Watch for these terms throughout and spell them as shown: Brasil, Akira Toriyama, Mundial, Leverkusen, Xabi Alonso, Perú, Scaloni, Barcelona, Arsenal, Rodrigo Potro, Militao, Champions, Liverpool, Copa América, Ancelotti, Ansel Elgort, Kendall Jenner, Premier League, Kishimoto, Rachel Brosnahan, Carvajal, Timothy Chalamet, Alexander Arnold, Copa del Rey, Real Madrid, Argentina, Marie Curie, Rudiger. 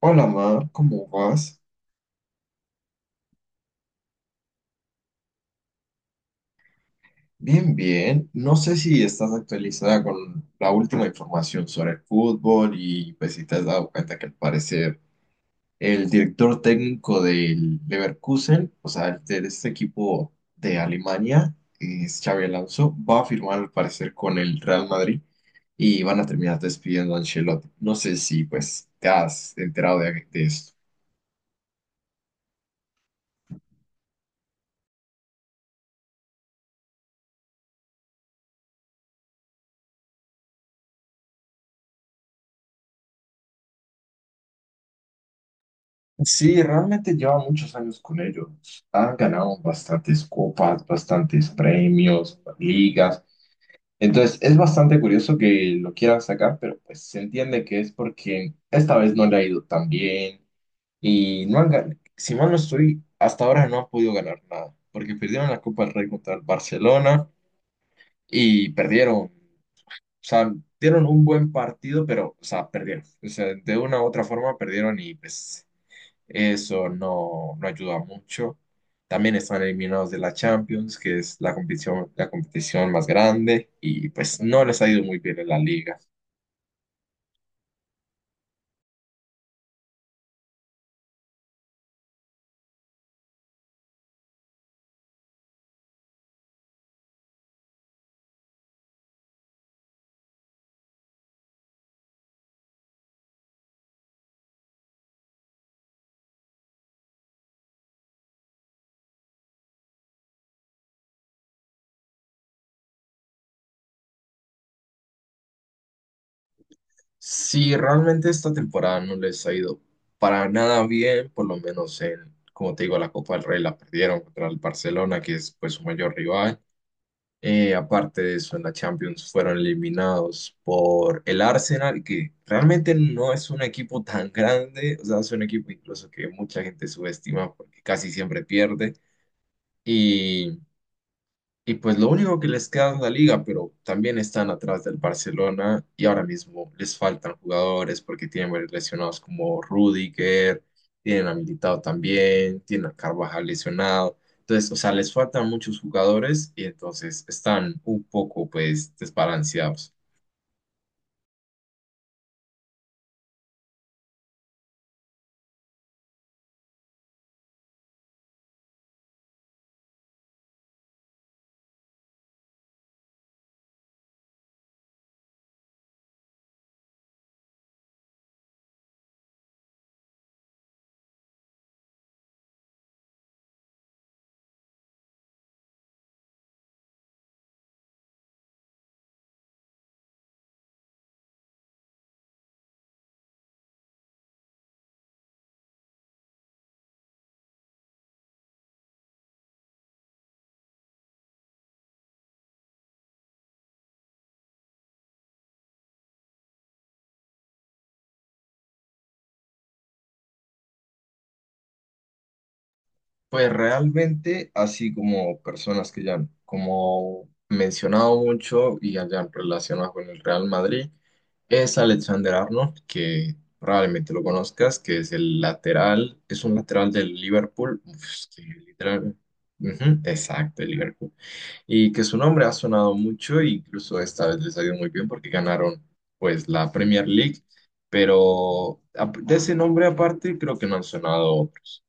Hola, Mar, ¿cómo vas? Bien, bien. No sé si estás actualizada con la última información sobre el fútbol y pues si te has dado cuenta que al parecer el director técnico del Leverkusen, o sea, el de este equipo de Alemania, es Xabi Alonso, va a firmar al parecer con el Real Madrid y van a terminar despidiendo a Ancelotti. No sé si pues te has enterado de esto. Sí, realmente lleva muchos años con ellos. Han ganado bastantes copas, bastantes premios, ligas. Entonces, es bastante curioso que lo quieran sacar, pero pues se entiende que es porque esta vez no le ha ido tan bien y no han ganado. Si mal no estoy, hasta ahora no han podido ganar nada, porque perdieron la Copa del Rey contra el Barcelona y perdieron. O sea, dieron un buen partido, pero, o sea, perdieron. O sea, de una u otra forma perdieron y pues. Eso no, no ayuda mucho. También están eliminados de la Champions, que es la competición más grande, y pues no les ha ido muy bien en la liga. Si realmente esta temporada no les ha ido para nada bien, por lo menos en, como te digo, la Copa del Rey la perdieron contra el Barcelona, que es pues su mayor rival. Aparte de eso, en la Champions fueron eliminados por el Arsenal, que realmente no es un equipo tan grande, o sea, es un equipo incluso que mucha gente subestima porque casi siempre pierde. Y pues lo único que les queda es la liga, pero también están atrás del Barcelona y ahora mismo les faltan jugadores porque tienen varios lesionados como Rudiger, tienen a Militao también, tienen a Carvajal lesionado. Entonces, o sea, les faltan muchos jugadores y entonces están un poco pues desbalanceados. Pues realmente, así como personas que ya han como mencionado mucho y hayan relacionado con el Real Madrid, es Alexander Arnold, que probablemente lo conozcas, que es el lateral, es un lateral del Liverpool, uf, es que literal, ujú, exacto, el Liverpool, y que su nombre ha sonado mucho, e incluso esta vez les ha ido muy bien porque ganaron pues la Premier League, pero de ese nombre aparte creo que no han sonado otros.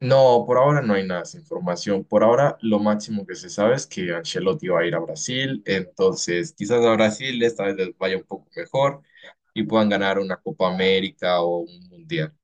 No, por ahora no hay nada de información. Por ahora lo máximo que se sabe es que Ancelotti va a ir a Brasil, entonces quizás a Brasil esta vez les vaya un poco mejor y puedan ganar una Copa América o un Mundial.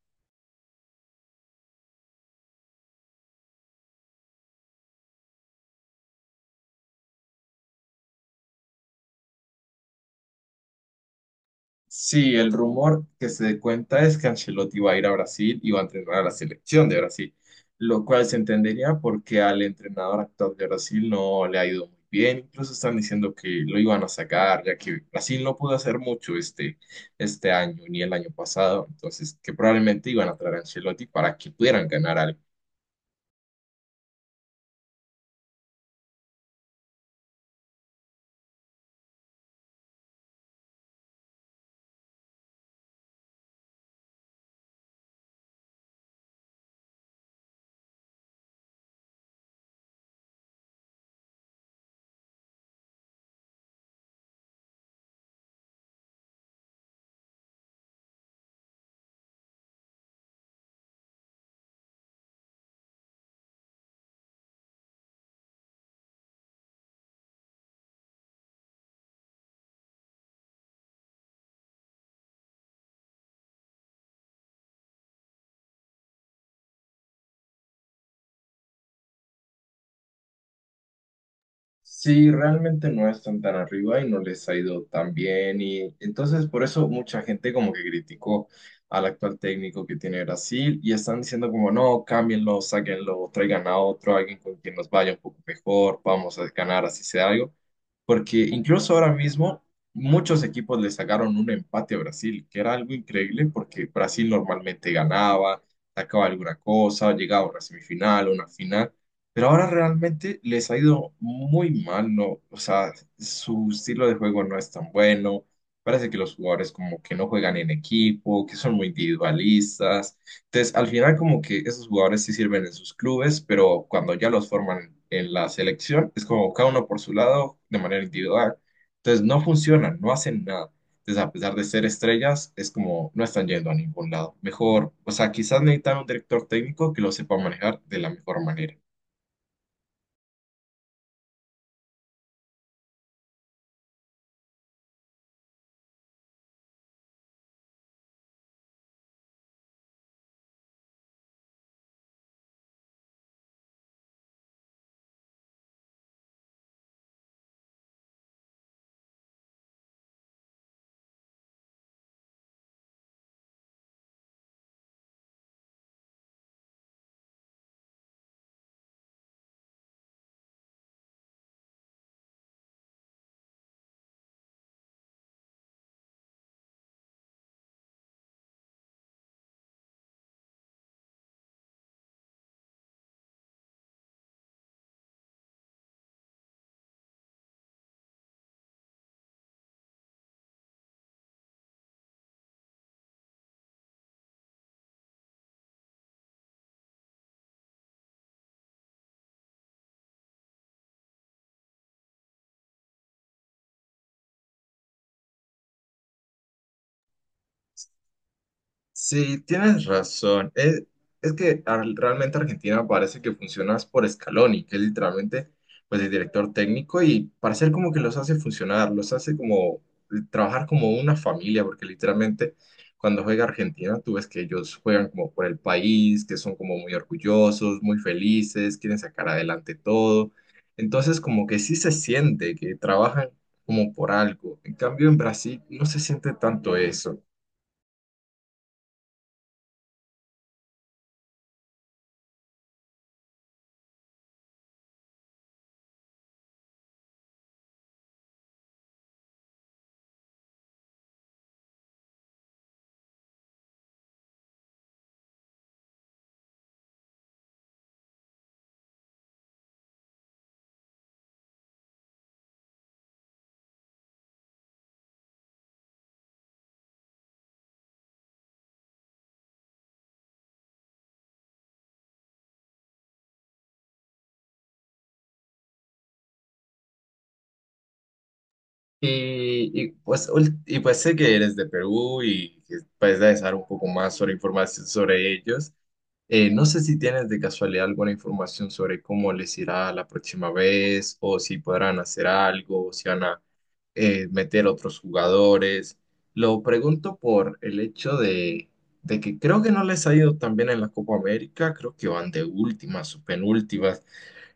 Sí, el rumor que se cuenta es que Ancelotti va a ir a Brasil y va a entrenar a la selección de Brasil, lo cual se entendería porque al entrenador actual de Brasil no le ha ido muy bien. Incluso están diciendo que lo iban a sacar, ya que Brasil no pudo hacer mucho este año ni el año pasado, entonces que probablemente iban a traer a Ancelotti para que pudieran ganar algo. Sí, realmente no están tan arriba y no les ha ido tan bien y entonces por eso mucha gente como que criticó al actual técnico que tiene Brasil y están diciendo como no, cámbienlo, sáquenlo, traigan a otro, alguien con quien nos vaya un poco mejor, vamos a ganar así sea algo, porque incluso ahora mismo muchos equipos le sacaron un empate a Brasil, que era algo increíble porque Brasil normalmente ganaba, sacaba alguna cosa, llegaba a una semifinal, una final. Pero ahora realmente les ha ido muy mal, ¿no? O sea, su estilo de juego no es tan bueno. Parece que los jugadores como que no juegan en equipo, que son muy individualistas. Entonces, al final como que esos jugadores sí sirven en sus clubes, pero cuando ya los forman en la selección, es como cada uno por su lado, de manera individual. Entonces, no funcionan, no hacen nada. Entonces, a pesar de ser estrellas, es como no están yendo a ningún lado. Mejor, o sea, quizás necesitan un director técnico que lo sepa manejar de la mejor manera. Sí, tienes razón. Es que realmente Argentina parece que funciona es por Scaloni, que es literalmente pues, el director técnico y parece como que los hace funcionar, los hace como trabajar como una familia, porque literalmente cuando juega Argentina tú ves que ellos juegan como por el país, que son como muy orgullosos, muy felices, quieren sacar adelante todo. Entonces como que sí se siente que trabajan como por algo. En cambio en Brasil no se siente tanto eso. Y pues sé que eres de Perú y que puedes dar un poco más sobre información sobre ellos. No sé si tienes de casualidad alguna información sobre cómo les irá la próxima vez o si podrán hacer algo, o si van a meter otros jugadores. Lo pregunto por el hecho de que creo que no les ha ido tan bien en la Copa América, creo que van de últimas o penúltimas.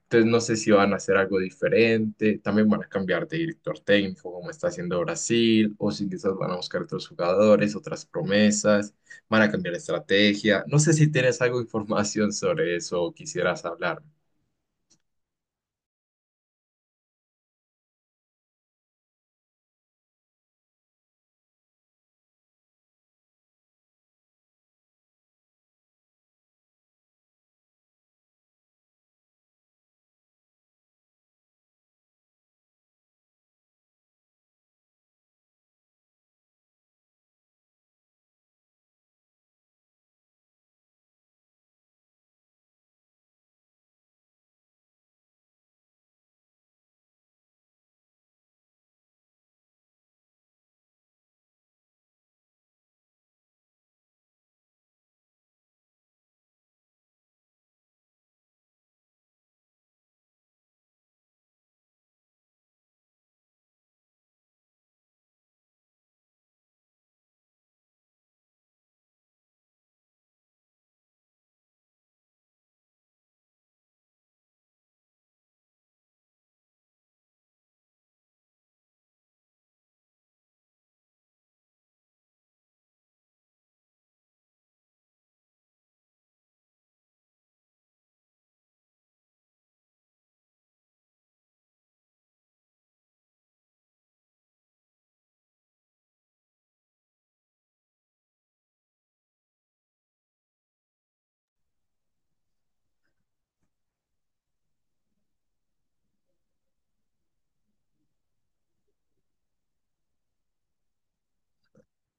Entonces no sé si van a hacer algo diferente, también van a cambiar de director técnico como está haciendo Brasil, o si quizás van a buscar otros jugadores, otras promesas, van a cambiar de estrategia. No sé si tienes algo de información sobre eso o quisieras hablar.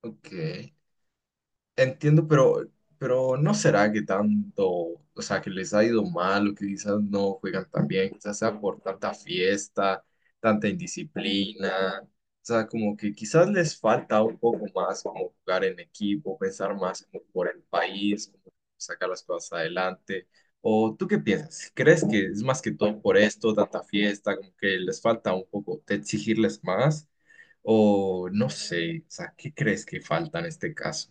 Ok. Entiendo, pero ¿no será que tanto, o sea, que les ha ido mal o que quizás no juegan tan bien? Quizás sea por tanta fiesta, tanta indisciplina. O sea, como que quizás les falta un poco más como jugar en equipo, pensar más como por el país, como sacar las cosas adelante. ¿O tú qué piensas? ¿Crees que es más que todo por esto, tanta fiesta, como que les falta un poco de exigirles más? ¿O no sé? O sea, ¿qué crees que falta en este caso?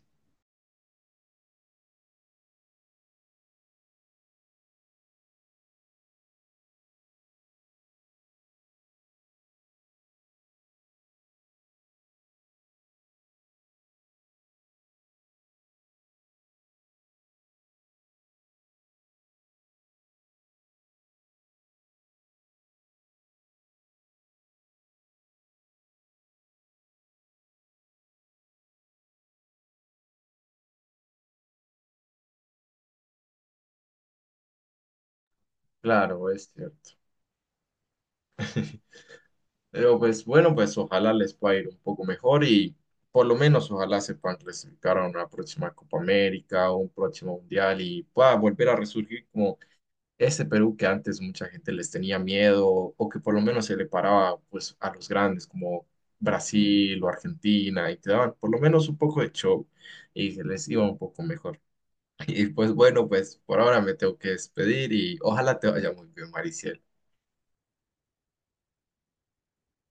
Claro, es cierto. Pero pues bueno, pues ojalá les pueda ir un poco mejor y por lo menos ojalá se puedan clasificar a una próxima Copa América o un próximo Mundial y pueda volver a resurgir como ese Perú que antes mucha gente les tenía miedo o que por lo menos se le paraba pues a los grandes como Brasil o Argentina y te daban por lo menos un poco de show y se les iba un poco mejor. Y pues bueno, pues por ahora me tengo que despedir y ojalá te vaya muy bien, Mariciel.